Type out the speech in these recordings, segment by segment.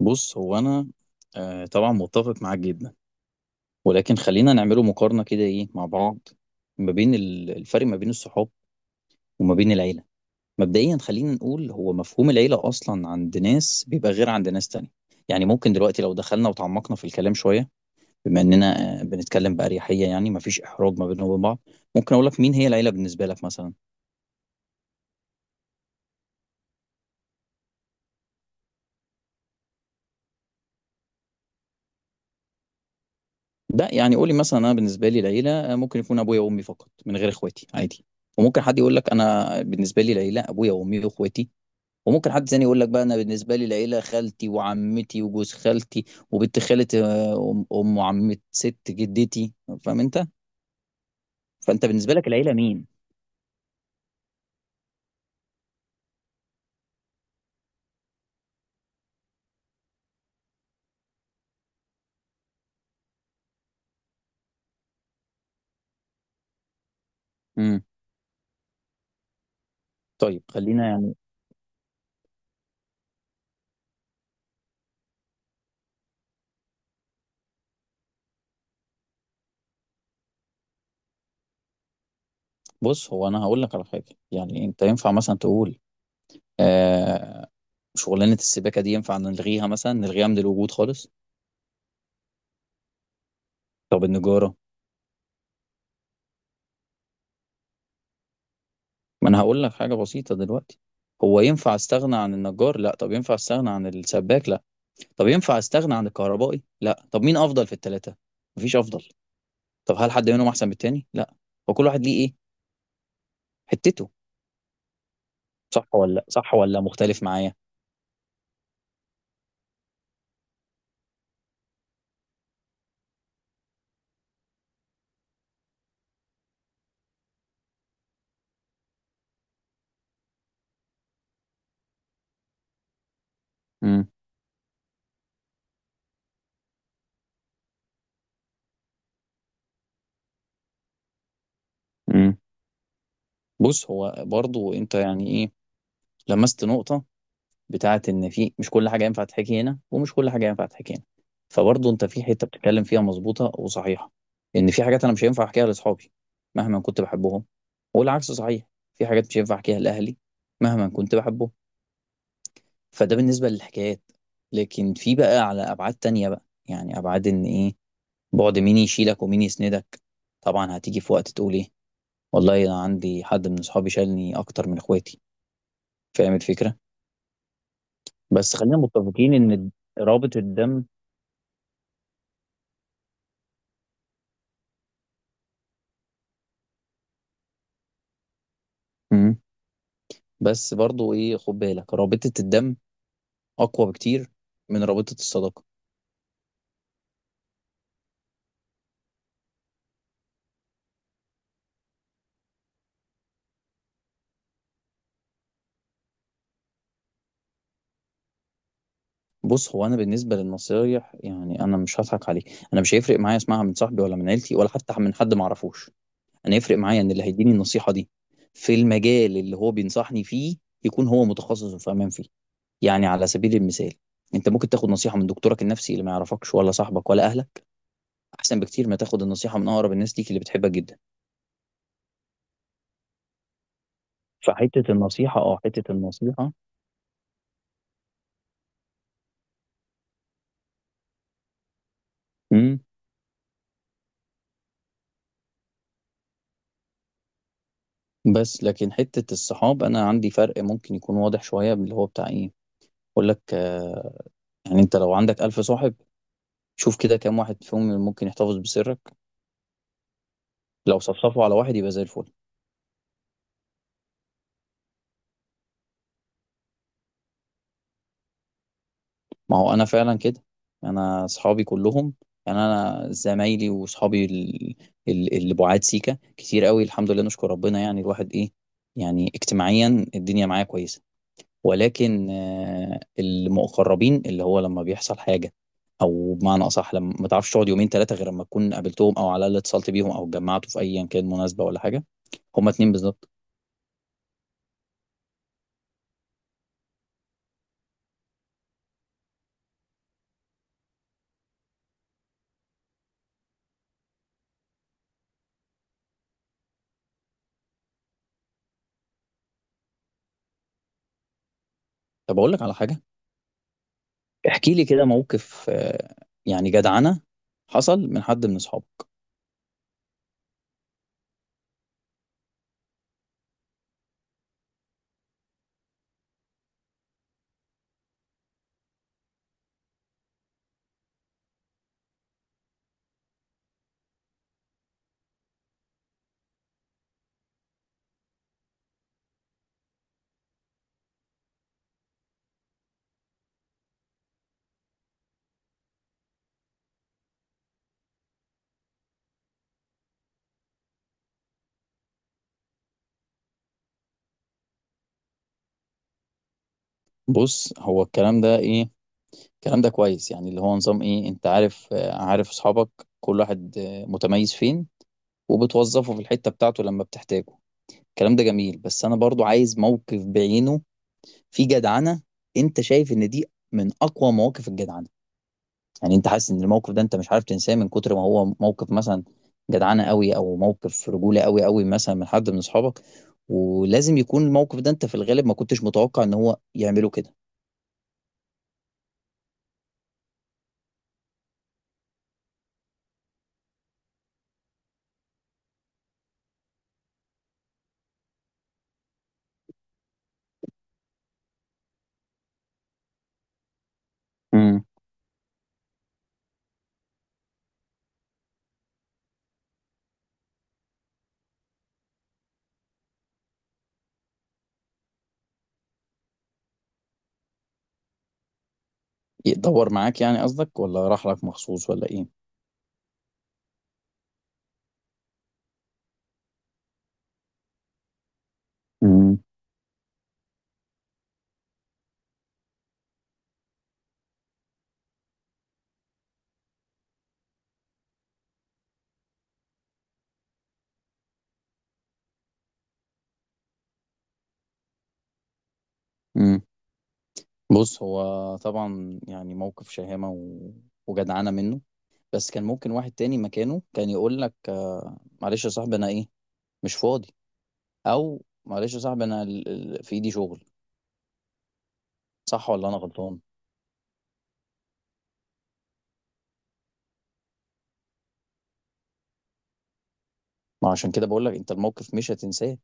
بص هو انا. طبعا متفق معاك جدا، ولكن خلينا نعمله مقارنه كده، ايه مع بعض؟ ما بين الفرق ما بين الصحاب وما بين العيله. مبدئيا خلينا نقول، هو مفهوم العيله اصلا عند ناس بيبقى غير عند ناس تانية. يعني ممكن دلوقتي لو دخلنا وتعمقنا في الكلام شويه، بما اننا بنتكلم باريحيه، يعني مفيش احراج ما بيننا وبين بعض، ممكن اقول لك مين هي العيله بالنسبه لك مثلا. ده يعني، قولي مثلا، انا بالنسبه لي العيله ممكن يكون ابويا وامي فقط من غير اخواتي عادي. وممكن حد يقول لك انا بالنسبه لي العيله ابويا وامي واخواتي. وممكن حد تاني يقول لك بقى، انا بالنسبه لي العيله خالتي وعمتي وجوز خالتي وبنت خاله، ام أم وعمه ست جدتي. فاهم انت؟ فانت بالنسبه لك العيله مين؟ امم. طيب خلينا يعني، بص هو انا هقول لك على حاجه. يعني انت ينفع مثلا تقول، آه شغلانه السباكه دي ينفع نلغيها مثلا، نلغيها من الوجود خالص؟ طب النجاره؟ ما انا هقول لك حاجه بسيطه دلوقتي. هو ينفع استغنى عن النجار؟ لا. طب ينفع استغنى عن السباك؟ لا. طب ينفع استغنى عن الكهربائي؟ لا. طب مين افضل في الثلاثه؟ مفيش افضل. طب هل حد منهم احسن من التاني؟ لا. وكل واحد ليه ايه؟ حتته. صح ولا لأ؟ صح ولا مختلف معايا؟ امم. امم. بص هو برضو انت يعني ايه، لمست نقطة بتاعت ان في، مش كل حاجة ينفع تحكي هنا ومش كل حاجة ينفع تحكي هنا. فبرضو انت في حتة بتتكلم فيها مظبوطة وصحيحة، ان في حاجات انا مش هينفع احكيها لاصحابي مهما كنت بحبهم، والعكس صحيح، في حاجات مش هينفع احكيها لاهلي مهما كنت بحبهم. فده بالنسبة للحكايات. لكن في بقى على ابعاد تانية بقى، يعني ابعاد ان ايه، بعد مين يشيلك ومين يسندك. طبعا هتيجي في وقت تقول ايه، والله انا عندي حد من اصحابي شالني اكتر من اخواتي. فاهم الفكره؟ بس خلينا متفقين ان رابطه الدم، مم. بس برضو ايه، خد بالك، رابطه الدم اقوى بكتير من رابطه الصداقه. بص هو انا بالنسبه للنصايح، يعني انا مش هضحك عليك، انا مش هيفرق معايا اسمعها من صاحبي ولا من عيلتي ولا حتى من حد ما اعرفوش. انا يفرق معايا ان اللي هيديني النصيحه دي في المجال اللي هو بينصحني فيه، يكون هو متخصص وفاهم فيه. يعني على سبيل المثال، انت ممكن تاخد نصيحة من دكتورك النفسي اللي ما يعرفكش، ولا صاحبك ولا اهلك، احسن بكتير ما تاخد النصيحة من اقرب الناس ليك اللي بتحبك جدا. فحتة النصيحة، حتة النصيحة. امم. بس لكن حتة الصحاب، انا عندي فرق ممكن يكون واضح شوية، اللي هو بتاع ايه، اقول لك يعني، انت لو عندك ألف صاحب، شوف كده كام واحد فيهم ممكن يحتفظ بسرك. لو صفصفوا على واحد يبقى زي الفل. ما هو انا فعلا كده. انا اصحابي كلهم، يعني انا زمايلي واصحابي اللي بعاد سيكا كتير قوي، الحمد لله نشكر ربنا، يعني الواحد ايه، يعني اجتماعيا الدنيا معايا كويسه. ولكن المقربين، اللي هو لما بيحصل حاجه، او بمعنى اصح لما ما تعرفش تقعد يومين ثلاثه غير لما تكون قابلتهم، او على الاقل اتصلت بيهم، او اتجمعتوا في ايا كان مناسبه ولا حاجه، هما اتنين بالظبط. طب اقول لك على حاجه. احكي لي كده موقف يعني جدعنه حصل من حد من اصحابك. بص هو الكلام ده ايه، الكلام ده كويس، يعني اللي هو نظام ايه، انت عارف عارف اصحابك، كل واحد متميز فين، وبتوظفه في الحتة بتاعته لما بتحتاجه. الكلام ده جميل، بس انا برضو عايز موقف بعينه في جدعنة. انت شايف ان دي من اقوى مواقف الجدعنة؟ يعني انت حاسس ان الموقف ده انت مش عارف تنساه من كتر ما هو موقف مثلا جدعنة قوي، او موقف رجولة قوي قوي مثلا من حد من اصحابك؟ ولازم يكون الموقف ده انت في الغالب ما كنتش متوقع ان هو يعمله كده. يدور معاك يعني قصدك، ولا راح لك مخصوص، ولا ايه؟ مم. امم. بص هو طبعا يعني موقف شهامة و... وجدعانة منه. بس كان ممكن واحد تاني مكانه كان يقول لك معلش يا صاحبي، انا ايه، مش فاضي. او معلش يا صاحبي، انا في ايدي شغل. صح ولا انا غلطان؟ ما عشان كده بقول لك انت الموقف مش هتنساه.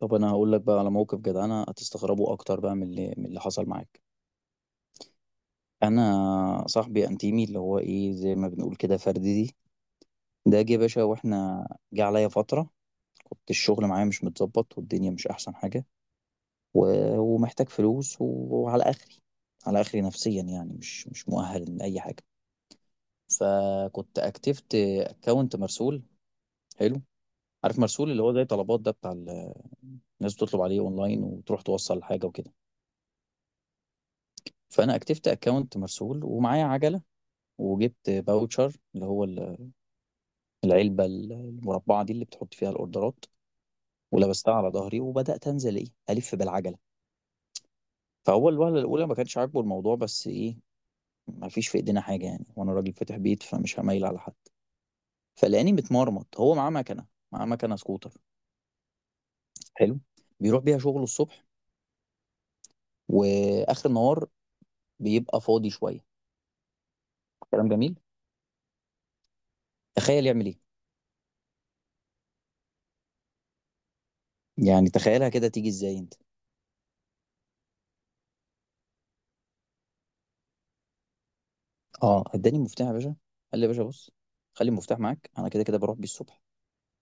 طب انا هقول لك بقى على موقف جدعانة هتستغربه اكتر بقى من اللي حصل معاك. انا صاحبي انتيمي اللي هو ايه، زي ما بنقول كده، فردي، ده جه يا باشا واحنا، جه عليا فترة، كنت الشغل معايا مش متظبط، والدنيا مش أحسن حاجة، و... ومحتاج فلوس، وعلى آخري، على آخري نفسيا يعني، مش مؤهل لأي حاجة. فكنت أكتفت أكونت مرسول. حلو. عارف مرسول؟ اللي هو زي طلبات ده، بتاع الناس بتطلب عليه أونلاين وتروح توصل حاجة وكده. فأنا أكتفت أكونت مرسول ومعايا عجلة. وجبت باوتشر، اللي هو العلبة المربعة دي اللي بتحط فيها الأوردرات، ولبستها على ظهري وبدأت أنزل إيه، ألف بالعجلة. فهو الوهلة الأولى ما كانش عاجبه الموضوع، بس إيه، ما فيش في إيدينا حاجة يعني، وأنا راجل فاتح بيت، فمش هميل على حد. فلقاني متمرمط، هو معاه مكنة، معاه مكنة سكوتر. حلو. بيروح بيها شغله الصبح، وآخر النهار بيبقى فاضي شوية. كلام جميل. تخيل يعمل إيه. يعني تخيلها كده، تيجي إزاي أنت. أه، إداني المفتاح يا باشا. قال لي يا باشا، بص، خلي المفتاح معاك، أنا كده كده بروح بيه الصبح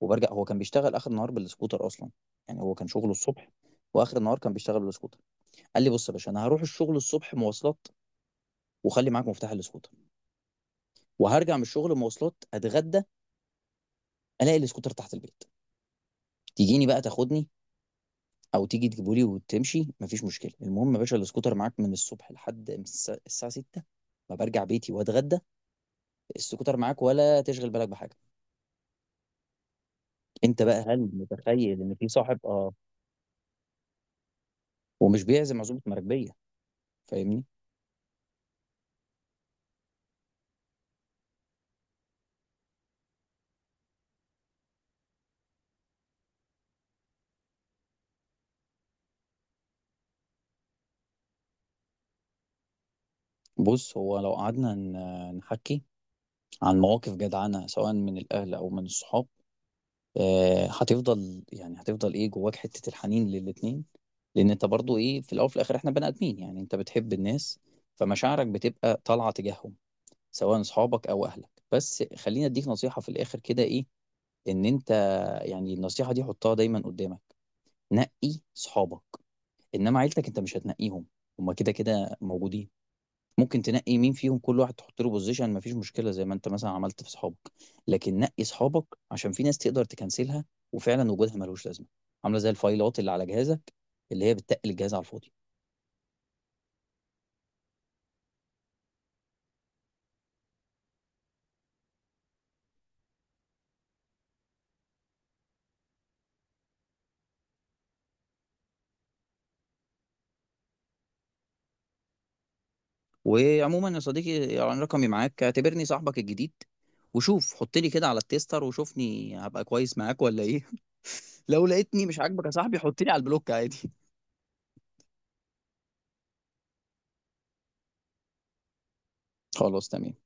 وبرجع. هو كان بيشتغل آخر النهار بالسكوتر أصلا، يعني هو كان شغله الصبح، واخر النهار كان بيشتغل بالسكوتر. قال لي، بص يا باشا، انا هروح الشغل الصبح مواصلات، وخلي معاك مفتاح الاسكوتر، وهرجع من الشغل مواصلات، اتغدى، الاقي الاسكوتر تحت البيت، تيجيني بقى تاخدني، او تيجي تجيبه لي وتمشي، مفيش مشكله. المهم يا باشا الاسكوتر معاك من الصبح لحد الساعه 6، ما برجع بيتي واتغدى، السكوتر معاك ولا تشغل بالك بحاجه. انت بقى هل متخيل ان في صاحب، اه، ومش بيعزم عزومه مراكبيه؟ فاهمني؟ بص هو لو قعدنا نحكي عن مواقف جدعانه سواء من الاهل او من الصحاب، هتفضل يعني هتفضل ايه، جواك حتة الحنين للاتنين. لان انت برضو ايه، في الاول وفي الاخر احنا بني ادمين، يعني انت بتحب الناس، فمشاعرك بتبقى طالعة تجاههم، سواء اصحابك او اهلك. بس خليني اديك نصيحة في الاخر كده، ايه، ان انت، يعني النصيحة دي حطها دايما قدامك، نقي صحابك. انما عيلتك انت مش هتنقيهم، هما كده كده موجودين. ممكن تنقي مين فيهم، كل واحد تحط له بوزيشن، مفيش مشكله، زي ما انت مثلا عملت في صحابك. لكن نقي صحابك، عشان في ناس تقدر تكنسلها، وفعلا وجودها ملوش لازمه، عامله زي الفايلات اللي على جهازك، اللي هي بتتقل الجهاز على الفاضي. وعموما يا صديقي يعني، رقمي معاك، اعتبرني صاحبك الجديد، وشوف، حط لي كده على التيستر، وشوفني هبقى كويس معاك ولا ايه. لو لقيتني مش عاجبك يا صاحبي، حط لي على البلوك عادي. خلاص، تمام.